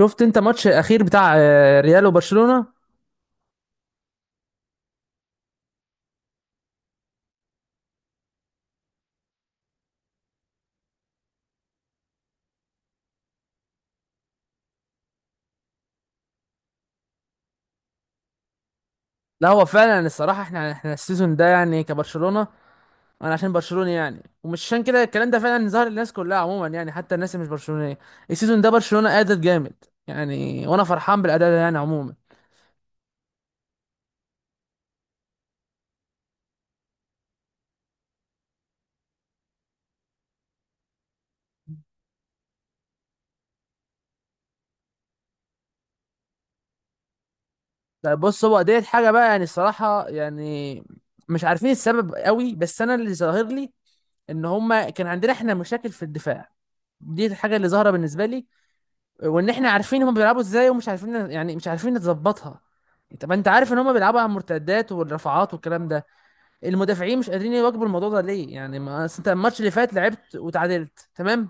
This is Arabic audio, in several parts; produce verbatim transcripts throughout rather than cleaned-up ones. شفت انت ماتش الاخير بتاع آه، ريال وبرشلونة. لا هو فعلا الصراحة احنا احنا السيزون ده يعني كبرشلونة، انا عشان برشلوني يعني، ومش عشان كده الكلام ده فعلا ظهر للناس كلها عموما يعني، حتى الناس اللي مش برشلونية. السيزون ده برشلونة ادت جامد يعني، وانا فرحان بالاداء ده يعني عموما. لا بص، هو ديت حاجة بقى يعني الصراحة، يعني مش عارفين السبب قوي، بس انا اللي ظاهر لي ان هما كان عندنا احنا مشاكل في الدفاع. دي الحاجة اللي ظاهرة بالنسبة لي. وان احنا عارفين هم بيلعبوا ازاي ومش عارفين، يعني مش عارفين نظبطها. طب انت عارف ان هم بيلعبوا على المرتدات والرفعات والكلام ده، المدافعين مش قادرين يواكبوا الموضوع ده ليه يعني؟ ما أصل انت الماتش اللي فات لعبت وتعادلت تمام.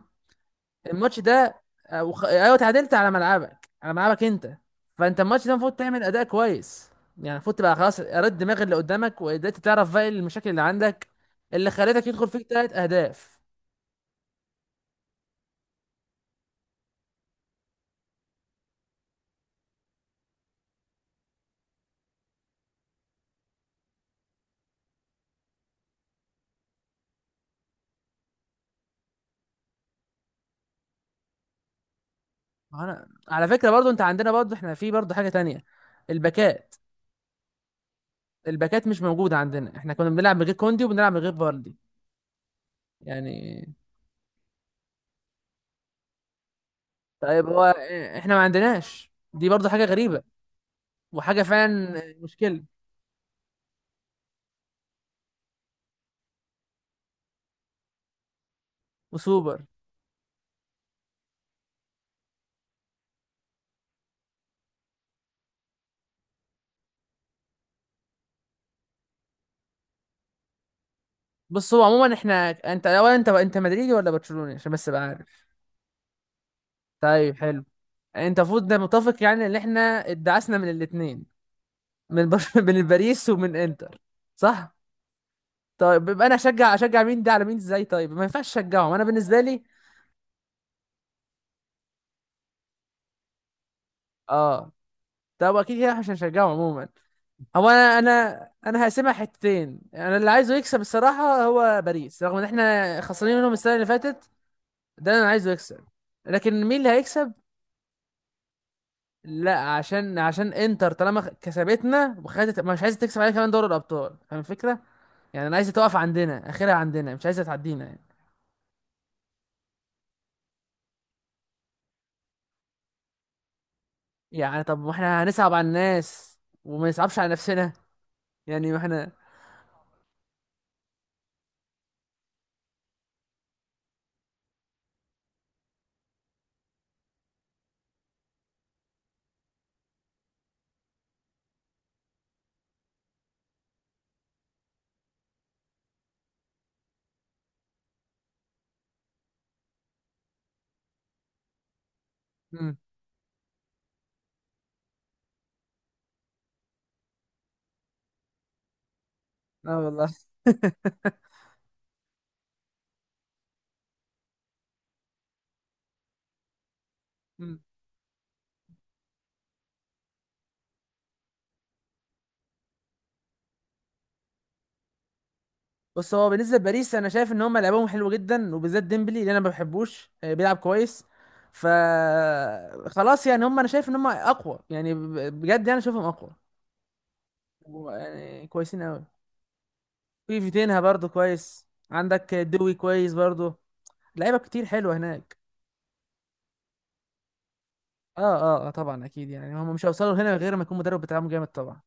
الماتش ده آه، وخ... ايوه، تعادلت على ملعبك، على ملعبك انت. فانت الماتش ده المفروض تعمل اداء كويس، يعني المفروض تبقى خلاص رد دماغ اللي قدامك، وقدرت تعرف بقى المشاكل اللي عندك اللي خلتك يدخل فيك ثلاث اهداف. أنا... على فكرة برضو، انت عندنا برضو، احنا في برضو حاجة تانية: الباكات. الباكات مش موجودة عندنا، احنا كنا بنلعب من غير كوندي وبنلعب من غير فاردي. يعني طيب، هو احنا ما عندناش، دي برضو حاجة غريبة وحاجة فعلا مشكلة. وسوبر. بص هو عموما احنا، انت اولا، انت انت مدريدي ولا برشلوني؟ عشان بس ابقى عارف. طيب حلو. انت المفروض ده متفق يعني، ان احنا ادعسنا من الاثنين، من برش... من باريس ومن انتر. صح. طيب يبقى انا اشجع، اشجع مين ده على مين ازاي؟ طيب ما ينفعش اشجعهم انا بالنسبه لي. اه. طب اكيد كده احنا مش هنشجعهم عموما. هو انا انا انا هقسمها حتتين. انا اللي عايزه يكسب الصراحه هو باريس، رغم ان احنا خسرانين منهم السنه اللي فاتت. ده انا عايزه يكسب. لكن مين اللي هيكسب؟ لا عشان، عشان انتر طالما خ- كسبتنا وخدت، مش عايزه تكسب علينا كمان دوري الابطال، فاهم الفكره؟ يعني انا عايزه تقف عندنا اخرها، عندنا مش عايزه تعدينا يعني. يعني طب ما احنا هنصعب على الناس، وما نصعبش على نفسنا. يعني ما احنا. مم. اه والله. بص هو بالنسبه لباريس، انا شايف ان هم لعبهم حلو جدا، وبالذات ديمبلي اللي انا ما بحبوش، آه، بيلعب كويس. ف خلاص يعني هم، انا شايف ان هم اقوى يعني، ب- بجد يعني شايفهم اقوى. و- يعني كويسين قوي. في فيتينها برضو كويس، عندك دوي كويس برضو. لعيبه كتير حلوه هناك. اه اه اه طبعا اكيد، يعني هم مش هيوصلوا هنا غير ما يكون مدرب بتاعهم جامد طبعا.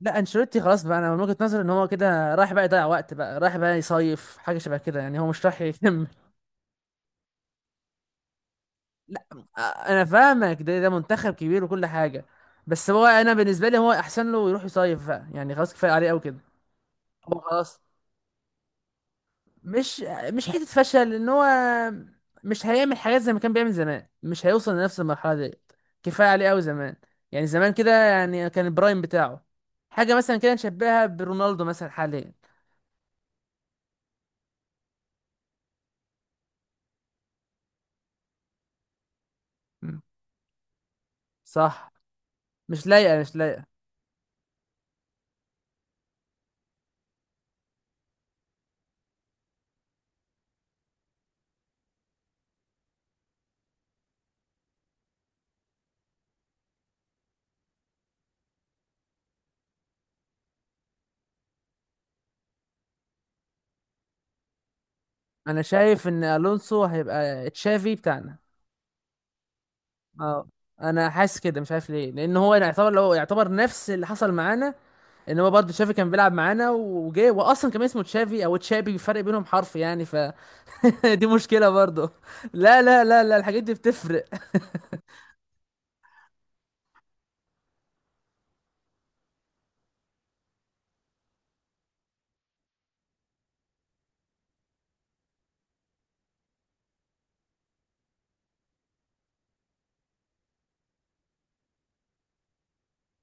لا، انشيلوتي خلاص بقى، انا من وجهة نظري ان هو كده رايح بقى يضيع وقت، بقى رايح بقى يصيف، حاجه شبه كده يعني، هو مش رايح يكمل. لا انا فاهمك، ده ده منتخب كبير وكل حاجه، بس هو انا بالنسبه لي، هو احسن له يروح يصيف بقى يعني، خلاص كفايه عليه قوي كده. هو خلاص، مش، مش حته فشل، ان هو مش هيعمل حاجات زي ما كان بيعمل زمان، مش هيوصل لنفس المرحله دي. كفايه عليه قوي زمان. يعني زمان كده يعني، كان البرايم بتاعه. حاجه مثلا كده نشبهها برونالدو مثلا حاليا. مم. صح. مش لايقه، مش لايقه. انا شايف ان الونسو هيبقى تشافي بتاعنا. اه، انا حاسس كده مش عارف ليه، لان هو يعتبر، لو يعتبر نفس اللي حصل معانا، ان هو برضه تشافي كان بيلعب معانا وجه، واصلا كان اسمه تشافي او تشابي، فرق بينهم حرف يعني. فدي مشكله برضه. لا لا لا لا، الحاجات دي بتفرق.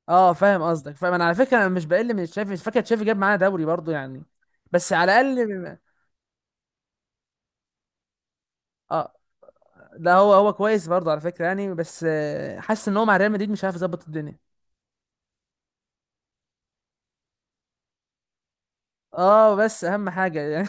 اه فاهم قصدك، فاهم، انا على فكره انا مش بقل من تشافي، مش فاكر تشافي جاب معانا دوري برضه يعني، بس على الاقل. اه. ده هو هو كويس برضه على فكره يعني، بس آه، حاسس ان هو مع ريال مدريد مش عارف يظبط الدنيا. اه بس اهم حاجه يعني.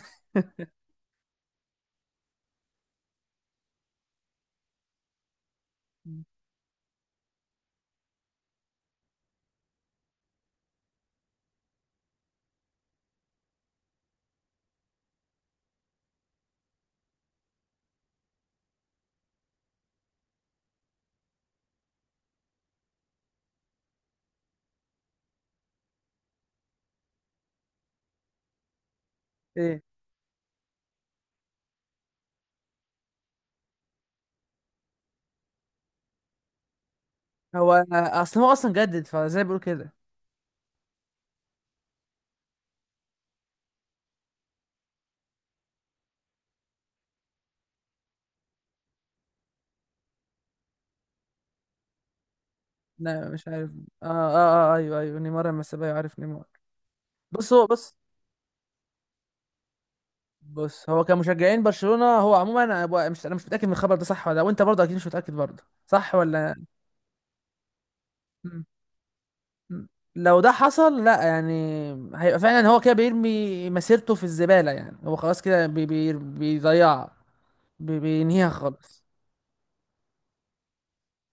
ايه؟ هو اصل هو اصلا جدد، فزي ما بيقول كده. لا مش عارف. اه اه، آه ايوه ايوه، نيمار لما سابها عارف نيمار. بص هو، بص، بص هو كمشجعين برشلونة، هو عموما انا ب- مش، انا مش متأكد من الخبر ده صح ولا لا، وانت برضه اكيد مش متأكد برضه صح ولا. مم. مم. لو ده حصل، لا يعني، هيبقى فعلا هو كده بيرمي مسيرته في الزبالة، يعني هو خلاص كده بي بي بيضيعها، بي بينهيها خالص.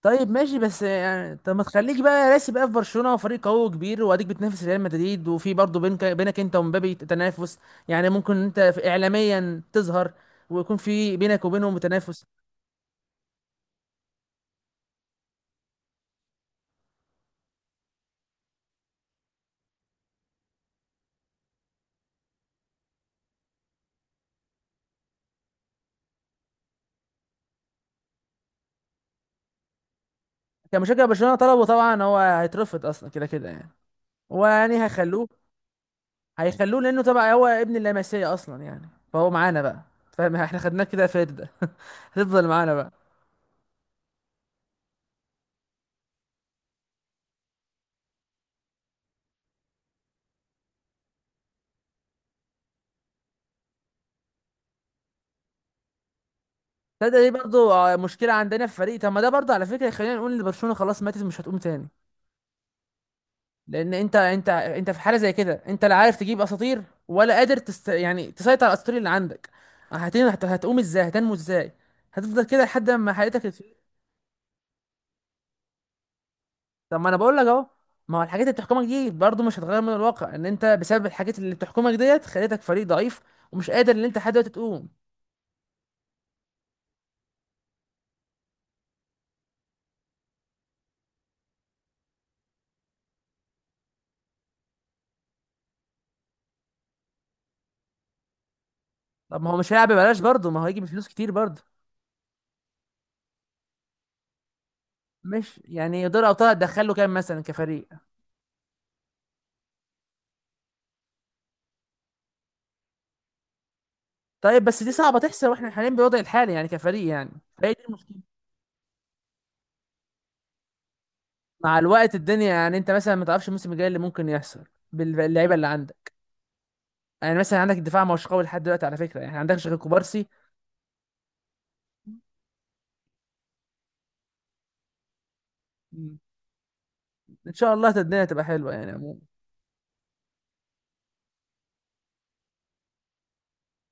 طيب ماشي، بس يعني طب ما تخليك بقى راسي بقى في برشلونه وفريق قوي وكبير، واديك بتنافس ريال مدريد، وفي برضه بينك بينك انت ومبابي تنافس. يعني ممكن انت في- اعلاميا تظهر، ويكون في بينك وبينهم تنافس. كمشجع برشلونه، طلبه طبعا هو هيترفض اصلا كده كده يعني، ويعني هيخلوه. هيخلوه لانه طبعا هو ابن اللمسيه اصلا يعني، فهو معانا بقى، فاهم؟ احنا خدناه كده فرده. هتفضل معانا بقى. ده دي برضه مشكله عندنا في الفريق. طب ما ده برضه على فكره، خلينا نقول ان برشلونه خلاص ماتت، مش هتقوم تاني. لان انت، انت انت في حاله زي كده، انت لا عارف تجيب اساطير، ولا قادر تست... يعني تسيطر على الاساطير اللي عندك. هتن... هت... هتقوم ازاي؟ هتنمو ازاي؟ هتفضل كده لحد ما حياتك تت- طب ما انا بقول لك اهو. ما هو الحاجات اللي بتحكمك دي برضه مش هتغير من الواقع، ان انت بسبب الحاجات اللي بتحكمك ديت خليتك فريق ضعيف ومش قادر ان انت لحد دلوقتي تقوم. طب ما هو مش هيلعب ببلاش برضه، ما هو هيجي بفلوس كتير برضه. مش يعني دور الابطال هتدخله كام مثلا كفريق؟ طيب بس دي صعبه تحصل واحنا حاليا بالوضع الحالي يعني كفريق يعني. فهي دي المشكله، مع الوقت الدنيا يعني، انت مثلا ما تعرفش الموسم الجاي اللي ممكن يحصل باللعيبه اللي عندك. يعني مثلا عندك الدفاع ما هوش قوي لحد دلوقتي على فكره يعني، عندكش غير كوبارسي. مم. ان شاء الله الدنيا تبقى حلوه يعني عموما.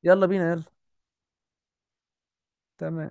يلا بينا يلا. تمام.